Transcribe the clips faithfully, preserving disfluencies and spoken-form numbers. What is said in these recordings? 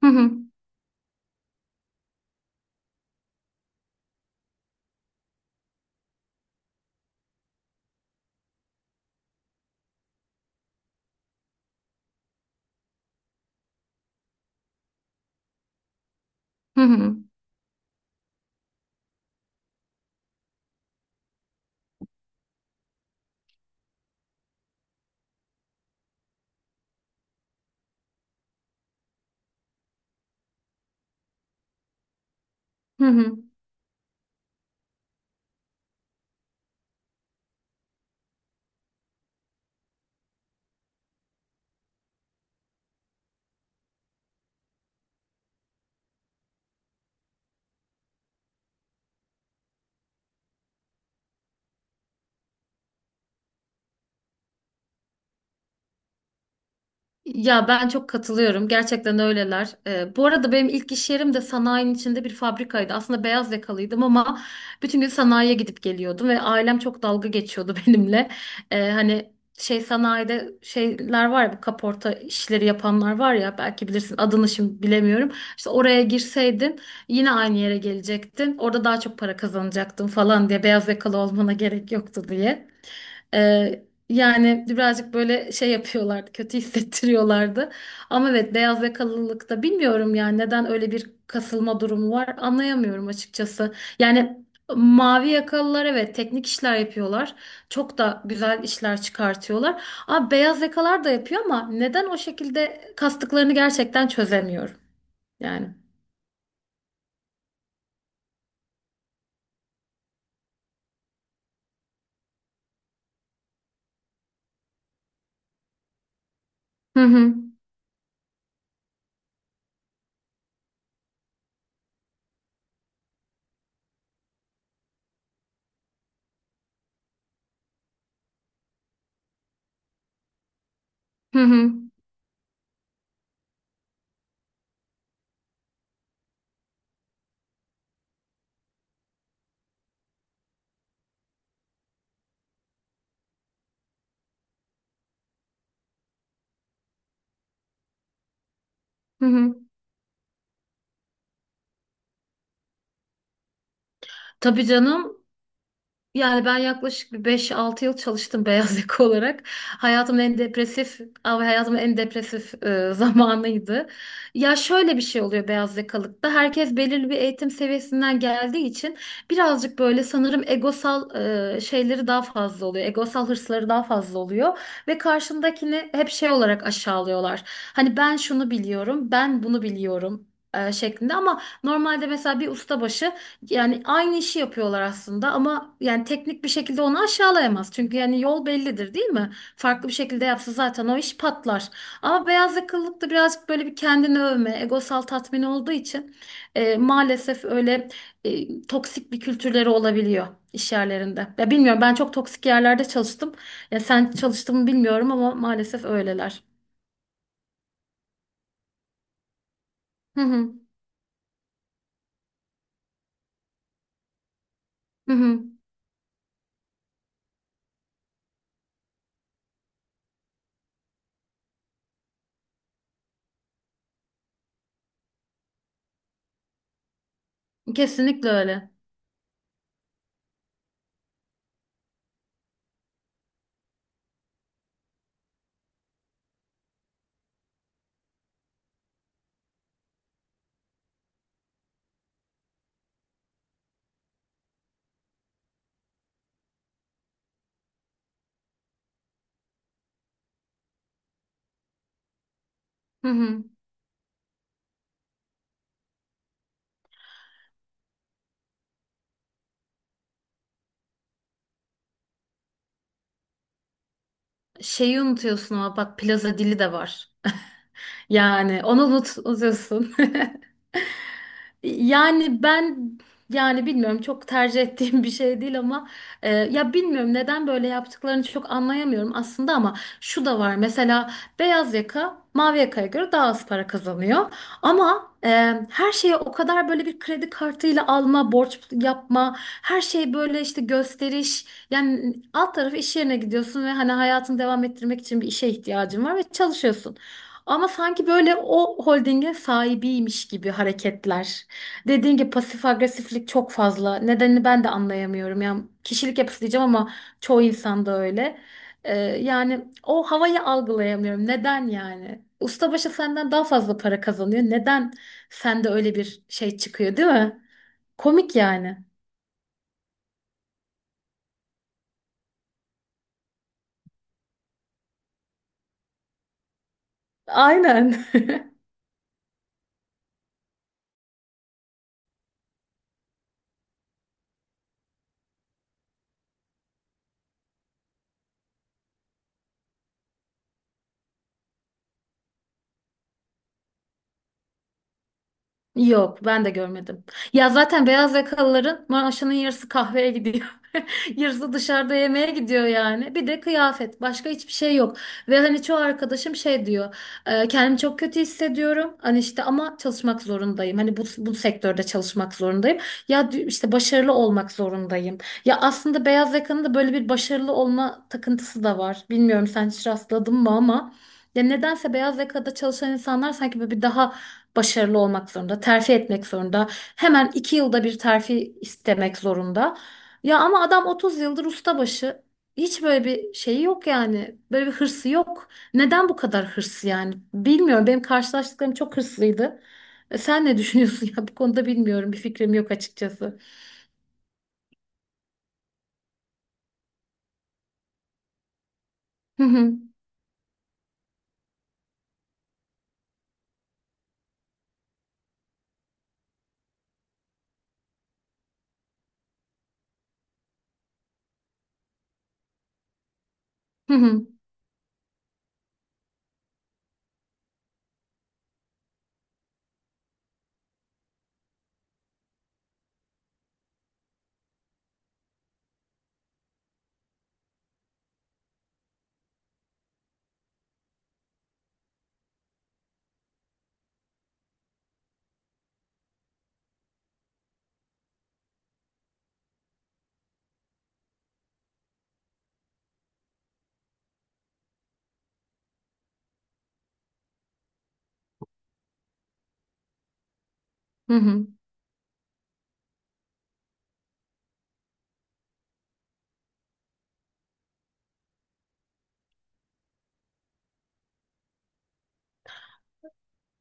Hı hı. Hı hı. Hı hı. Ya ben çok katılıyorum. Gerçekten öyleler. Ee, bu arada benim ilk iş yerim de sanayinin içinde bir fabrikaydı. Aslında beyaz yakalıydım ama bütün gün sanayiye gidip geliyordum ve ailem çok dalga geçiyordu benimle. Ee, hani şey sanayide şeyler var ya, bu kaporta işleri yapanlar var ya, belki bilirsin adını şimdi bilemiyorum. İşte oraya girseydin yine aynı yere gelecektin. Orada daha çok para kazanacaktın falan diye, beyaz yakalı olmana gerek yoktu diye. Ee, yani birazcık böyle şey yapıyorlardı, kötü hissettiriyorlardı. Ama evet, beyaz yakalılıkta bilmiyorum yani neden öyle bir kasılma durumu var anlayamıyorum açıkçası. Yani mavi yakalılar evet teknik işler yapıyorlar. Çok da güzel işler çıkartıyorlar. Ama beyaz yakalar da yapıyor, ama neden o şekilde kastıklarını gerçekten çözemiyorum. Yani. Hı hı. Hı hı. Hı hı. Tabii canım. Yani ben yaklaşık bir beş altı yıl çalıştım beyaz yaka olarak. Hayatımın en depresif, abi hayatımın en depresif e, zamanıydı. Ya şöyle bir şey oluyor beyaz yakalıkta. Herkes belirli bir eğitim seviyesinden geldiği için birazcık böyle sanırım egosal e, şeyleri daha fazla oluyor. Egosal hırsları daha fazla oluyor ve karşındakini hep şey olarak aşağılıyorlar. Hani ben şunu biliyorum, ben bunu biliyorum. e, şeklinde ama normalde mesela bir ustabaşı, yani aynı işi yapıyorlar aslında ama yani teknik bir şekilde onu aşağılayamaz. Çünkü yani yol bellidir değil mi? Farklı bir şekilde yapsa zaten o iş patlar. Ama beyaz yakalılık da birazcık böyle bir kendini övme, egosal tatmin olduğu için e, maalesef öyle e, toksik bir kültürleri olabiliyor iş yerlerinde. Ya bilmiyorum, ben çok toksik yerlerde çalıştım. Ya sen çalıştın mı bilmiyorum ama maalesef öyleler. Hı hı. Hı hı. Kesinlikle öyle. Hı hı. Şeyi unutuyorsun ama bak, plaza dili de var. Yani onu unut, unutuyorsun. Yani ben, yani bilmiyorum, çok tercih ettiğim bir şey değil ama e, ya bilmiyorum neden böyle yaptıklarını çok anlayamıyorum aslında ama şu da var mesela, beyaz yaka mavi yakaya göre daha az para kazanıyor ama e, her şeye o kadar böyle bir kredi kartıyla alma, borç yapma, her şey böyle işte gösteriş. Yani alt tarafı iş yerine gidiyorsun ve hani hayatını devam ettirmek için bir işe ihtiyacın var ve çalışıyorsun. Ama sanki böyle o holdinge sahibiymiş gibi hareketler. Dediğim gibi pasif agresiflik çok fazla. Nedenini ben de anlayamıyorum. Yani kişilik yapısı diyeceğim ama çoğu insanda öyle. Ee, yani o havayı algılayamıyorum. Neden yani? Ustabaşı senden daha fazla para kazanıyor. Neden sende öyle bir şey çıkıyor, değil mi? Komik yani. Aynen. Yok, ben de görmedim. Ya zaten beyaz yakalıların maaşının yarısı kahveye gidiyor. Yarısı dışarıda yemeğe gidiyor yani. Bir de kıyafet. Başka hiçbir şey yok. Ve hani çoğu arkadaşım şey diyor. "E, kendimi çok kötü hissediyorum. Hani işte ama çalışmak zorundayım. Hani bu, bu sektörde çalışmak zorundayım. Ya di- işte başarılı olmak zorundayım." Ya aslında beyaz yakanın da böyle bir başarılı olma takıntısı da var. Bilmiyorum sen hiç rastladın mı ama. Ya nedense beyaz yakada çalışan insanlar sanki böyle bir daha başarılı olmak zorunda, terfi etmek zorunda. Hemen iki yılda bir terfi istemek zorunda. Ya ama adam otuz yıldır ustabaşı. Hiç böyle bir şeyi yok yani. Böyle bir hırsı yok. Neden bu kadar hırsı yani? Bilmiyorum. Benim karşılaştıklarım çok hırslıydı. E, Sen ne düşünüyorsun ya bu konuda, bilmiyorum. Bir fikrim yok açıkçası. Hı hı. Hı hı. Hı hı.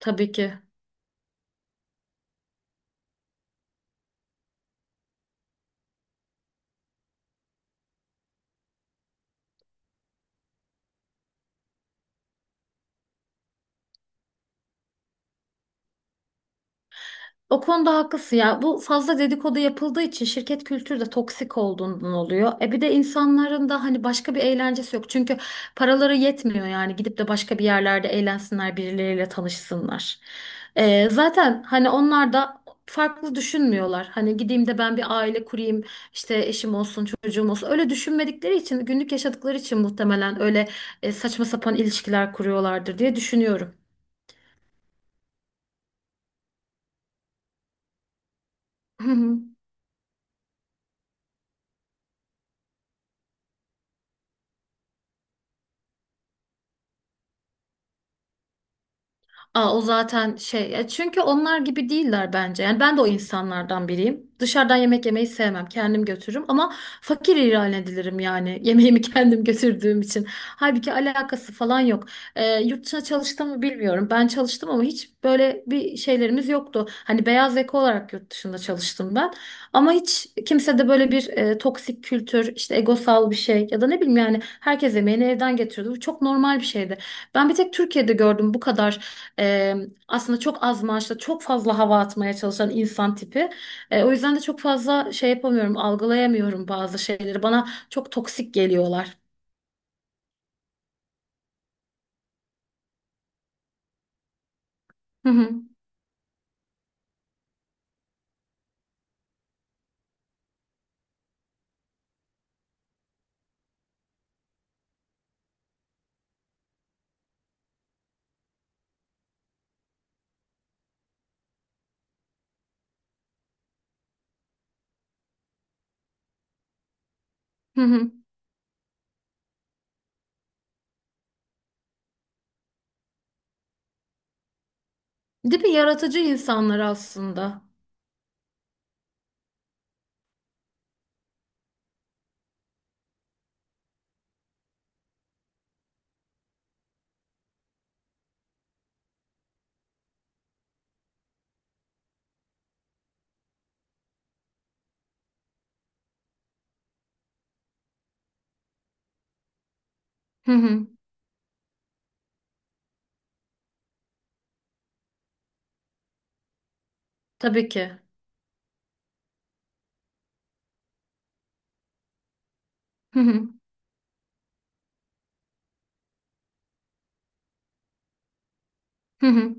Tabii ki. O konuda haklısın ya. Bu, fazla dedikodu yapıldığı için, şirket kültürü de toksik olduğundan oluyor. E bir de insanların da hani başka bir eğlencesi yok. Çünkü paraları yetmiyor yani, gidip de başka bir yerlerde eğlensinler, birileriyle tanışsınlar. E, zaten hani onlar da farklı düşünmüyorlar. Hani gideyim de ben bir aile kurayım, işte eşim olsun, çocuğum olsun. Öyle düşünmedikleri için, günlük yaşadıkları için muhtemelen öyle e, saçma sapan ilişkiler kuruyorlardır diye düşünüyorum. Aa, o zaten şey ya, çünkü onlar gibi değiller bence. Yani ben de o insanlardan biriyim. Dışarıdan yemek yemeyi sevmem. Kendim götürürüm ama fakir ilan edilirim yani, yemeğimi kendim götürdüğüm için. Halbuki alakası falan yok. Ee, yurt dışına çalıştım mı bilmiyorum. Ben çalıştım ama hiç böyle bir şeylerimiz yoktu. Hani beyaz yaka olarak yurt dışında çalıştım ben. Ama hiç kimse de böyle bir e, toksik kültür, işte egosal bir şey ya da ne bileyim, yani herkes yemeğini evden getiriyordu. Bu çok normal bir şeydi. Ben bir tek Türkiye'de gördüm bu kadar ee, aslında çok az maaşla çok fazla hava atmaya çalışan insan tipi. Ee, o yüzden de çok fazla şey yapamıyorum, algılayamıyorum bazı şeyleri. Bana çok toksik geliyorlar. Hı hı. Hı hı. Değil mi? Yaratıcı insanlar aslında. Hı hı. Tabii ki. Hı hı. Hı hı.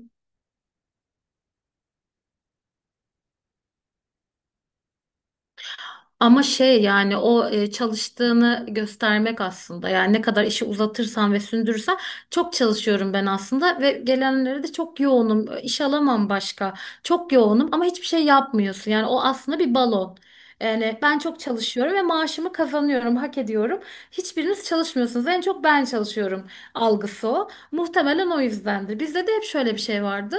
Ama şey, yani o e, çalıştığını göstermek aslında, yani ne kadar işi uzatırsan ve sündürürsen, çok çalışıyorum ben aslında ve gelenlere de çok yoğunum iş alamam başka, çok yoğunum ama hiçbir şey yapmıyorsun yani, o aslında bir balon. Yani ben çok çalışıyorum ve maaşımı kazanıyorum, hak ediyorum. Hiçbiriniz çalışmıyorsunuz. En çok ben çalışıyorum algısı o. Muhtemelen o yüzdendir. Bizde de hep şöyle bir şey vardı.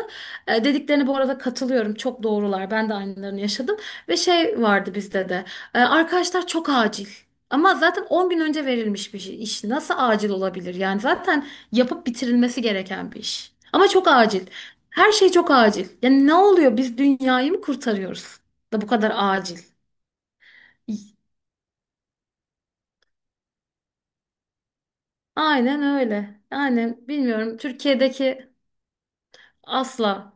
E, dediklerine bu arada katılıyorum. Çok doğrular. Ben de aynılarını yaşadım. Ve şey vardı bizde de. Ee, arkadaşlar çok acil. Ama zaten on gün önce verilmiş bir şey- iş. Nasıl acil olabilir? Yani zaten yapıp bitirilmesi gereken bir iş. Ama çok acil. Her şey çok acil. Yani ne oluyor? Biz dünyayı mı kurtarıyoruz? Da bu kadar acil. Aynen öyle. Yani bilmiyorum. Türkiye'deki asla.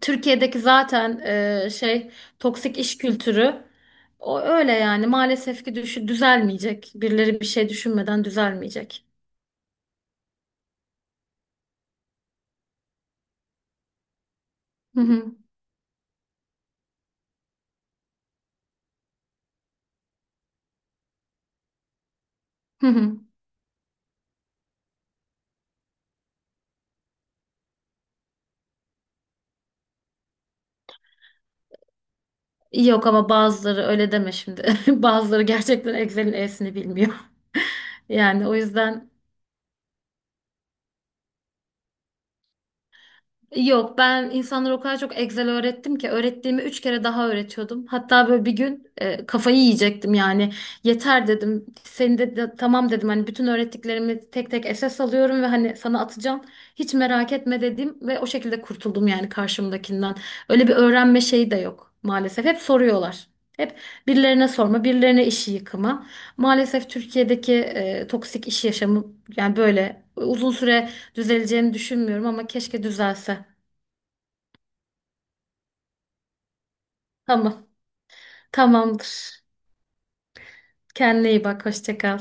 Türkiye'deki zaten e, şey toksik iş kültürü o öyle yani, maalesef ki düşü düzelmeyecek. Birileri bir şey düşünmeden düzelmeyecek. Hı hı. Hı hı. Yok ama bazıları öyle deme şimdi. Bazıları gerçekten Excel'in E'sini bilmiyor. Yani o yüzden. Yok, ben insanlara o kadar çok Excel öğrettim ki, öğrettiğimi üç kere daha öğretiyordum. Hatta böyle bir gün e, kafayı yiyecektim yani, yeter dedim. Seni de, de- tamam dedim, hani bütün öğrettiklerimi tek tek esas alıyorum ve hani sana atacağım. Hiç merak etme dedim ve o şekilde kurtuldum yani karşımdakinden. Öyle bir öğrenme şeyi de yok maalesef. Hep soruyorlar. Hep birilerine sorma, birilerine işi yıkama. Maalesef Türkiye'deki e, toksik iş yaşamı yani böyle e, uzun süre düzeleceğini düşünmüyorum ama keşke düzelse. Tamam. Tamamdır. Kendine iyi bak. Hoşça kal.